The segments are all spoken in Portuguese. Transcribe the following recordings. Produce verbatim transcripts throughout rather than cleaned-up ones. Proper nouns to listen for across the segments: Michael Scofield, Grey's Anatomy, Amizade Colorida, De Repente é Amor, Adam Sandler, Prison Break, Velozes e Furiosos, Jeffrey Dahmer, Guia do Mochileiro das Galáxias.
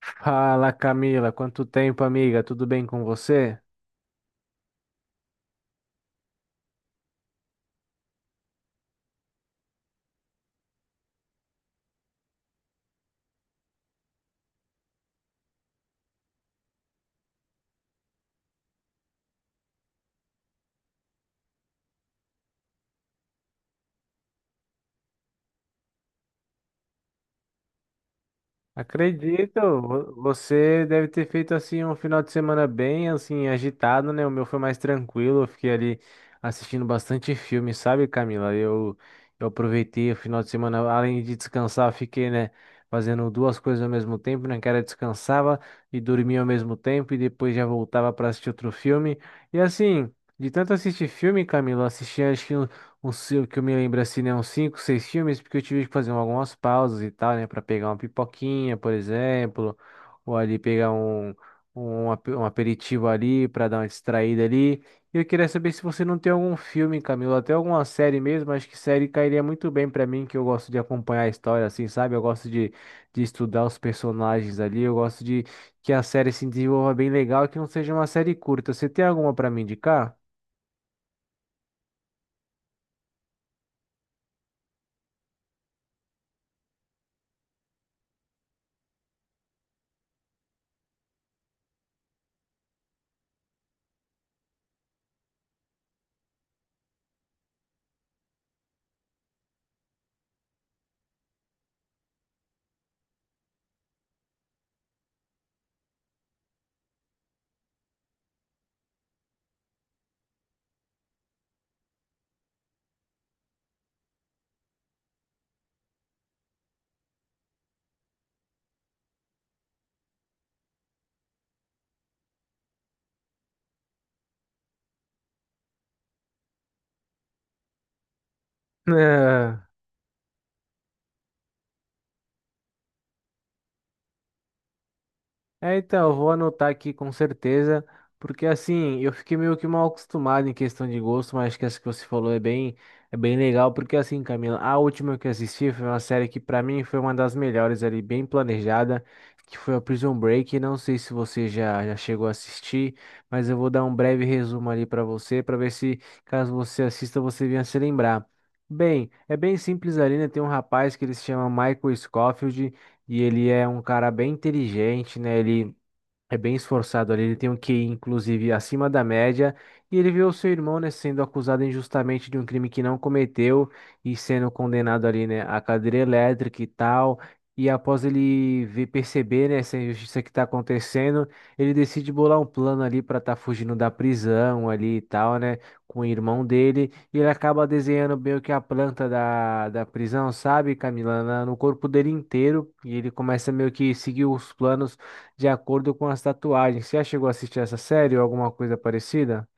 Fala, Camila, quanto tempo, amiga? Tudo bem com você? Acredito, vo- você deve ter feito assim um final de semana bem assim agitado, né? O meu foi mais tranquilo, eu fiquei ali assistindo bastante filme, sabe, Camila? Eu eu aproveitei o final de semana, além de descansar, eu fiquei, né, fazendo duas coisas ao mesmo tempo, né? Que era descansava e dormia ao mesmo tempo e depois já voltava para assistir outro filme. E assim, de tanto assistir filme, Camila, eu assisti acho que uns O seu que eu me lembro assim, né? Uns cinco, seis filmes, porque eu tive que fazer algumas pausas e tal, né? Pra pegar uma pipoquinha, por exemplo, ou ali pegar um, um, ape- um aperitivo ali pra dar uma distraída ali. E eu queria saber se você não tem algum filme, Camilo, até alguma série mesmo, acho que série cairia muito bem pra mim, que eu gosto de acompanhar a história, assim, sabe? Eu gosto de, de estudar os personagens ali, eu gosto de que a série se desenvolva bem legal, e que não seja uma série curta. Você tem alguma pra me indicar? É. É, então, eu vou anotar aqui com certeza, porque assim, eu fiquei meio que mal acostumado em questão de gosto, mas acho que essa que você falou é bem, é bem legal, porque assim, Camila, a última que eu assisti foi uma série que pra mim foi uma das melhores ali, bem planejada, que foi a Prison Break, não sei se você já, já chegou a assistir, mas eu vou dar um breve resumo ali pra você, pra ver se, caso você assista, você venha se lembrar. Bem, é bem simples ali, né? Tem um rapaz que ele se chama Michael Scofield, e ele é um cara bem inteligente, né? Ele, é bem esforçado ali, ele tem um Q I, inclusive, acima da média, e ele vê o seu irmão, né, sendo acusado injustamente de um crime que não cometeu e sendo condenado ali, né, à cadeira elétrica e tal. E após ele ver, perceber, né, essa injustiça que está acontecendo, ele decide bolar um plano ali para estar fugindo da prisão ali e tal, né, com o irmão dele. E ele acaba desenhando meio que a planta da, da prisão, sabe, Camila, na- no corpo dele inteiro. E ele começa meio que seguir os planos de acordo com as tatuagens. Você já chegou a assistir essa série ou alguma coisa parecida?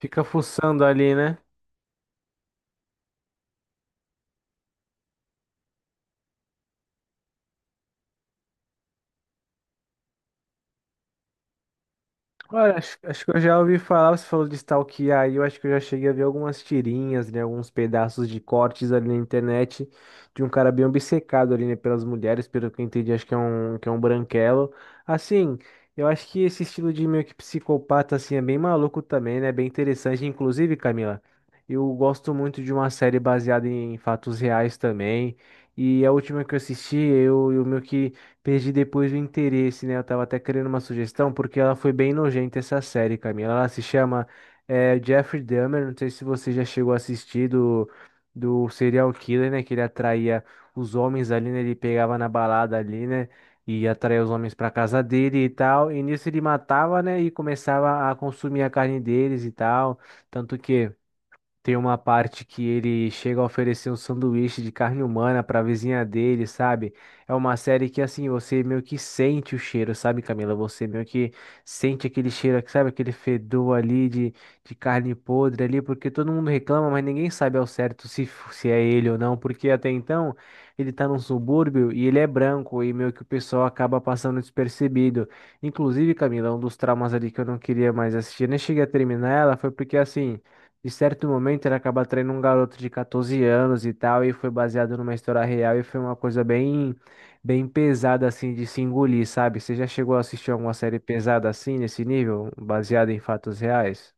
Fica fuçando ali, né? Olha, acho, acho que eu já ouvi falar, você falou de stalkear, aí eu acho que eu já cheguei a ver algumas tirinhas, né, alguns pedaços de cortes ali na internet de um cara bem obcecado ali, né, pelas mulheres, pelo que eu entendi, acho que é um, que é um branquelo. Assim, eu acho que esse estilo de meio que psicopata, assim, é bem maluco também, né, bem interessante. Inclusive, Camila, eu gosto muito de uma série baseada em fatos reais também, e a última que eu assisti, eu, eu meio que perdi depois o interesse, né? Eu tava até querendo uma sugestão, porque ela foi bem nojenta essa série, Camila. Ela se chama eh, Jeffrey Dahmer. Não sei se você já chegou a assistir do, do serial killer, né? Que ele atraía os homens ali, né? Ele pegava na balada ali, né? E atraía os homens pra casa dele e tal. E nisso ele matava, né? E começava a consumir a carne deles e tal. Tanto que. Tem uma parte que ele chega a oferecer um sanduíche de carne humana para a vizinha dele, sabe? É uma série que assim, você meio que sente o cheiro, sabe, Camila? Você meio que sente aquele cheiro, sabe, aquele fedor ali de, de carne podre ali, porque todo mundo reclama, mas ninguém sabe ao certo se, f- se é ele ou não, porque até então ele tá num subúrbio e ele é branco e meio que o pessoal acaba passando despercebido. Inclusive, Camila, um dos traumas ali que eu não queria mais assistir, nem cheguei a terminar ela, foi porque assim, de certo momento, ele acaba traindo um garoto de catorze anos e tal, e foi baseado numa história real e foi uma coisa bem, bem pesada, assim, de se engolir, sabe? Você já chegou a assistir alguma série pesada assim, nesse nível, baseada em fatos reais?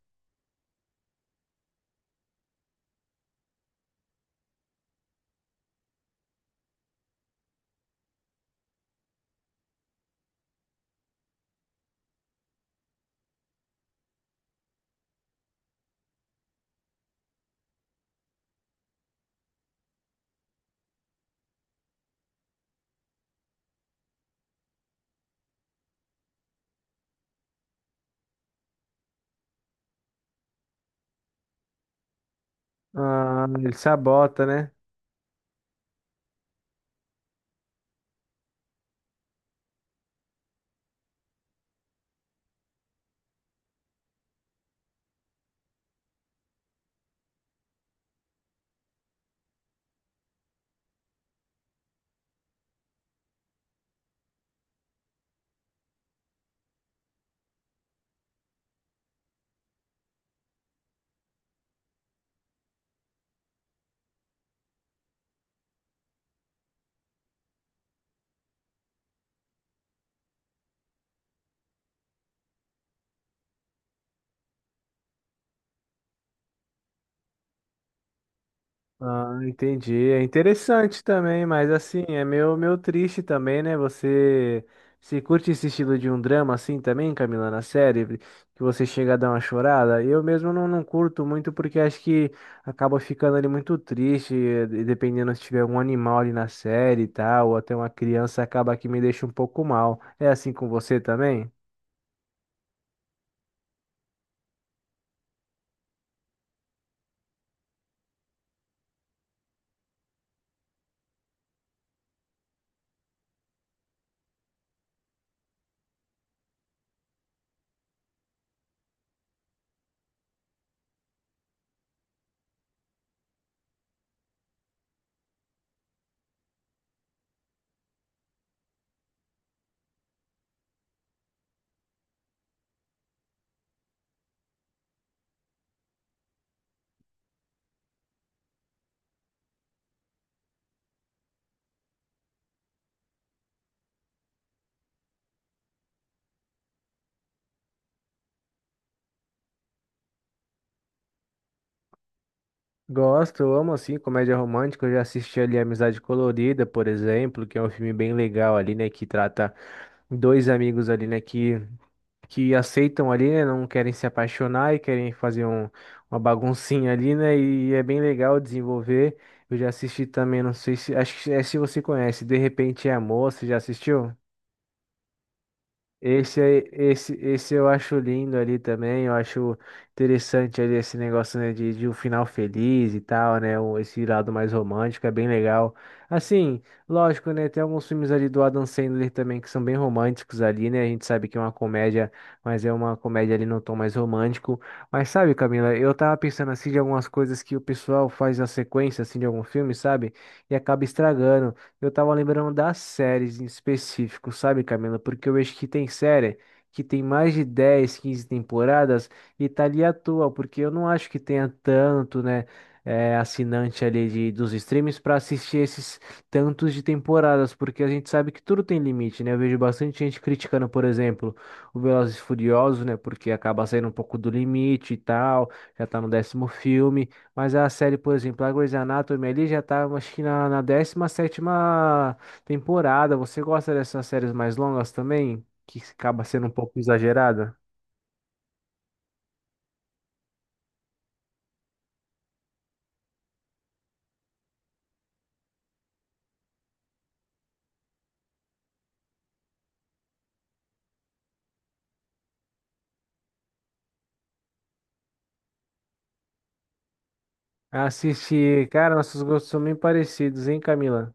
Ah, ele sabota, né? Ah, entendi. É interessante também, mas assim, é meio, meio triste também, né? Você se curte esse estilo de um drama assim também, Camila, na série, que você chega a dar uma chorada? Eu mesmo não, não curto muito porque acho que acaba ficando ali muito triste, eh, de- dependendo se tiver algum animal ali na série e tal, ou até uma criança acaba que me deixa um pouco mal. É assim com você também? Gosto, eu amo assim comédia romântica. Eu já assisti ali Amizade Colorida, por exemplo, que é um filme bem legal ali, né? Que trata dois amigos ali, né, que, que aceitam ali, né, não querem se apaixonar e querem fazer um, uma baguncinha ali, né, e é bem legal desenvolver. Eu já assisti também, não sei se, acho que é se você conhece, De Repente é Amor, você já assistiu? Esse, aí- esse, esse eu acho lindo ali também, eu acho interessante ali esse negócio, né, de, de um final feliz e tal, né, o- esse lado mais romântico é bem legal. Assim, lógico, né, tem alguns filmes ali do Adam Sandler também que são bem românticos ali, né, a gente sabe que é uma comédia, mas é uma comédia ali num tom mais romântico. Mas sabe, Camila, eu tava pensando assim de algumas coisas que o pessoal faz na sequência, assim, de algum filme, sabe, e acaba estragando. Eu tava lembrando das séries em específico, sabe, Camila? Porque eu vejo que tem série que tem mais de dez, quinze temporadas e tá ali à toa, porque eu não acho que tenha tanto, né, eh, assinante ali de, dos streams pra assistir esses tantos de temporadas, porque a gente sabe que tudo tem limite, né? Eu vejo bastante gente criticando, por exemplo, o Velozes e Furiosos, né, porque acaba saindo um pouco do limite e tal, já tá no décimo filme. Mas a série, por exemplo, a Grey's Anatomy ali já tá, acho que na, na décima sétima temporada. Você gosta dessas séries mais longas também? Que acaba sendo um pouco exagerada? Assistir, cara, nossos gostos são bem parecidos, hein, Camila?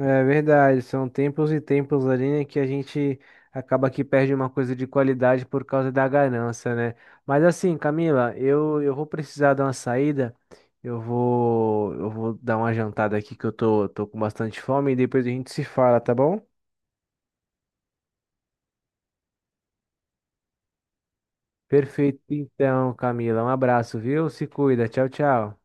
É verdade, são tempos e tempos ali, né, que a gente acaba que perde uma coisa de qualidade por causa da ganância, né? Mas assim, Camila, eu, eu vou precisar dar uma saída, eu vou, eu vou dar uma jantada aqui que eu tô, tô com bastante fome e depois a gente se fala, tá bom? Perfeito, então, Camila, um abraço, viu? Se cuida, tchau, tchau.